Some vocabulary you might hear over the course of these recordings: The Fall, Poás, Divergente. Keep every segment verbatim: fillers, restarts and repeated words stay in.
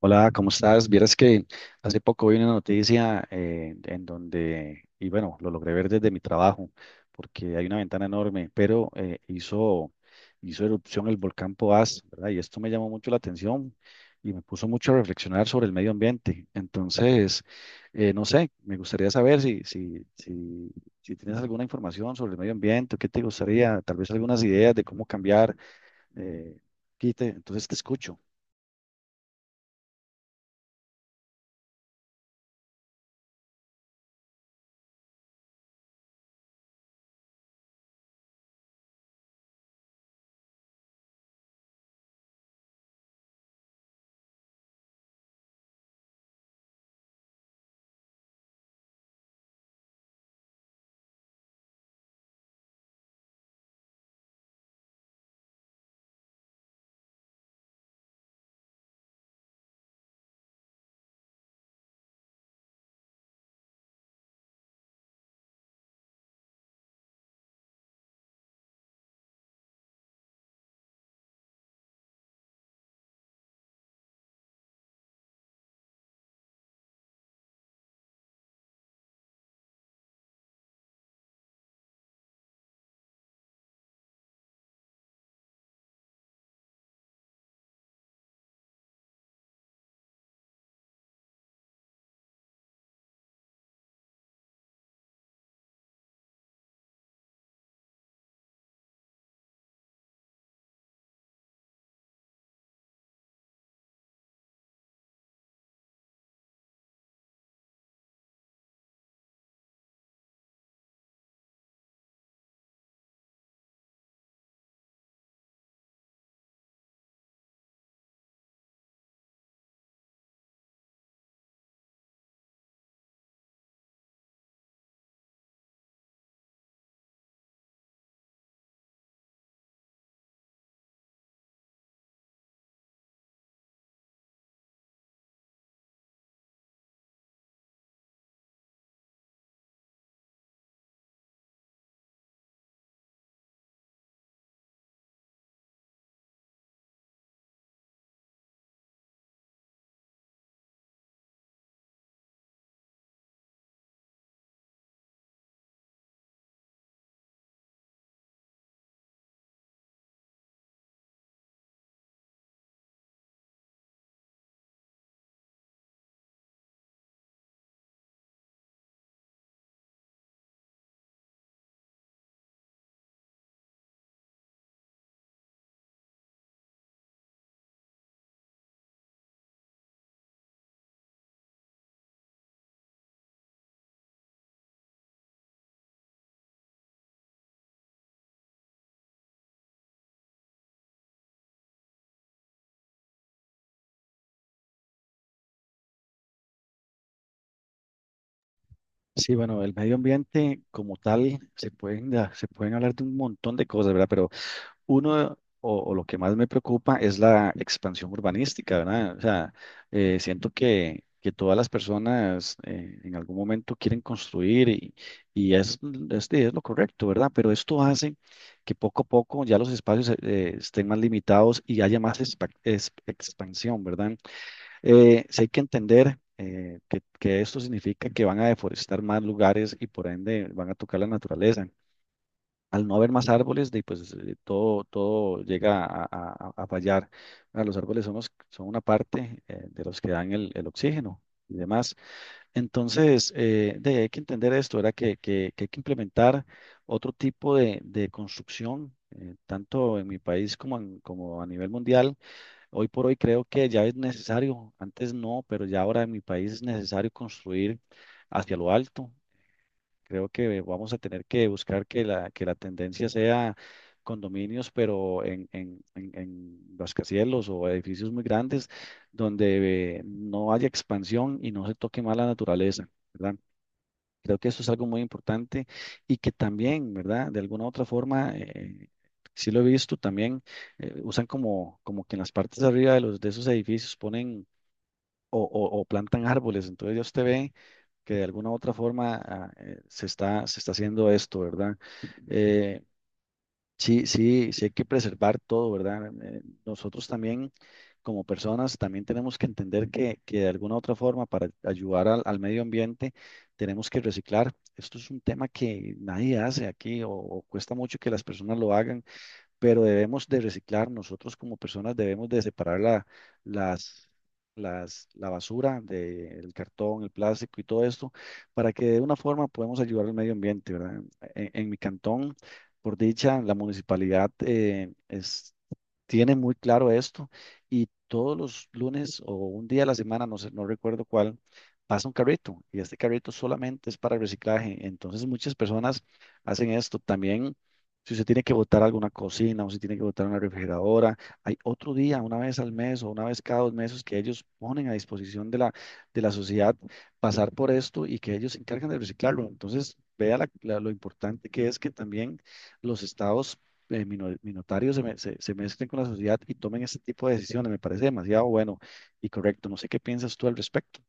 Hola, ¿cómo estás? Vieras que hace poco vi una noticia eh, en donde, y bueno, lo logré ver desde mi trabajo, porque hay una ventana enorme, pero eh, hizo, hizo erupción el volcán Poás, ¿verdad? Y esto me llamó mucho la atención y me puso mucho a reflexionar sobre el medio ambiente. Entonces, eh, no sé, me gustaría saber si, si, si, si tienes alguna información sobre el medio ambiente, o qué te gustaría, tal vez algunas ideas de cómo cambiar, eh, quite, entonces te escucho. Sí, bueno, el medio ambiente como tal, se pueden, da- se pueden hablar de un montón de cosas, ¿verdad? Pero uno o, o lo que más me preocupa es la expansión urbanística, ¿verdad? O sea, eh, siento que, que todas las personas eh, en algún momento quieren construir y, y es, es, es lo correcto, ¿verdad? Pero esto hace que poco a poco ya los espacios eh, estén más limitados y haya más espa- es- expansión, ¿verdad? Eh, sí hay que entender eh, que, que esto significa que van a deforestar más lugares y por ende van a tocar la naturaleza. Al no haber más árboles, de, pues eh, todo, todo llega a, a- a fallar. Ah, los árboles son, los- son una parte eh, de los que dan el, el oxígeno y demás. Entonces, eh, de, hay que entender esto, era que, que- que hay que implementar otro tipo de, de construcción, eh, tanto en mi país como, en- como a nivel mundial. Hoy por hoy creo que ya es necesario, antes no, pero ya ahora en mi país es necesario construir hacia lo alto. Creo que vamos a tener que buscar que la, que la tendencia sea condominios, pero en, en, en, en rascacielos o edificios muy grandes donde eh, no haya expansión y no se toque más la naturaleza, ¿verdad? Creo que eso es algo muy importante y que también, ¿verdad? De alguna u otra forma, eh, sí lo he visto también, eh, usan como, como que en las partes de arriba de los, de esos edificios ponen o, o- o plantan árboles. Entonces ya usted ve que de alguna u otra forma ah, eh, se está, se está haciendo esto, ¿verdad? Sí, sí, sí hay que preservar todo, ¿verdad? Eh, Nosotros también, como personas, también tenemos que entender que, que de alguna u otra forma, para ayudar al, al medio ambiente, tenemos que reciclar. Esto es un tema que nadie hace aquí o, o cuesta mucho que las personas lo hagan, pero debemos de reciclar, nosotros como personas debemos de separar la, las, las, la basura del cartón, el plástico y todo esto, para que de una forma podamos ayudar al medio ambiente, ¿verdad? En, en mi cantón, por dicha, la municipalidad eh, es tiene muy claro esto y todos los lunes o un día a la semana, no sé, no recuerdo cuál, pasa un carrito y este carrito solamente es para reciclaje. Entonces muchas personas hacen esto también. Si usted tiene que botar alguna cocina o si tiene que botar una refrigeradora, hay otro día, una vez al mes o una vez cada dos meses que ellos ponen a disposición de la, de la sociedad pasar por esto y que ellos se encargan de reciclarlo. Entonces, vea la- la- lo importante que es que también los estados eh, mino- minotarios se, me- se, se mezclen con la sociedad y tomen ese tipo de decisiones. Me parece demasiado bueno y correcto. No sé qué piensas tú al respecto.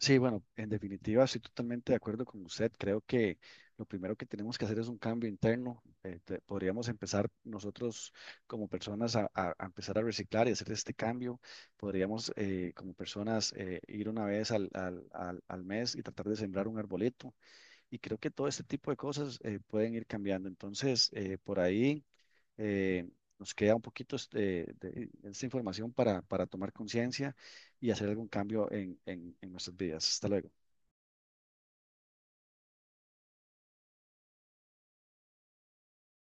Sí, bueno, en definitiva estoy totalmente de acuerdo con usted. Creo que lo primero que tenemos que hacer es un cambio interno. Eh, te- podríamos empezar nosotros como personas a, a- a empezar a reciclar y hacer este cambio. Podríamos eh, como personas eh, ir una vez al, al, al, al mes y tratar de sembrar un arbolito. Y creo que todo este tipo de cosas eh, pueden ir cambiando. Entonces, eh, por ahí eh, nos queda un poquito este, de, esta información para, para tomar conciencia y hacer algún cambio en, en en nuestras vidas. Hasta luego.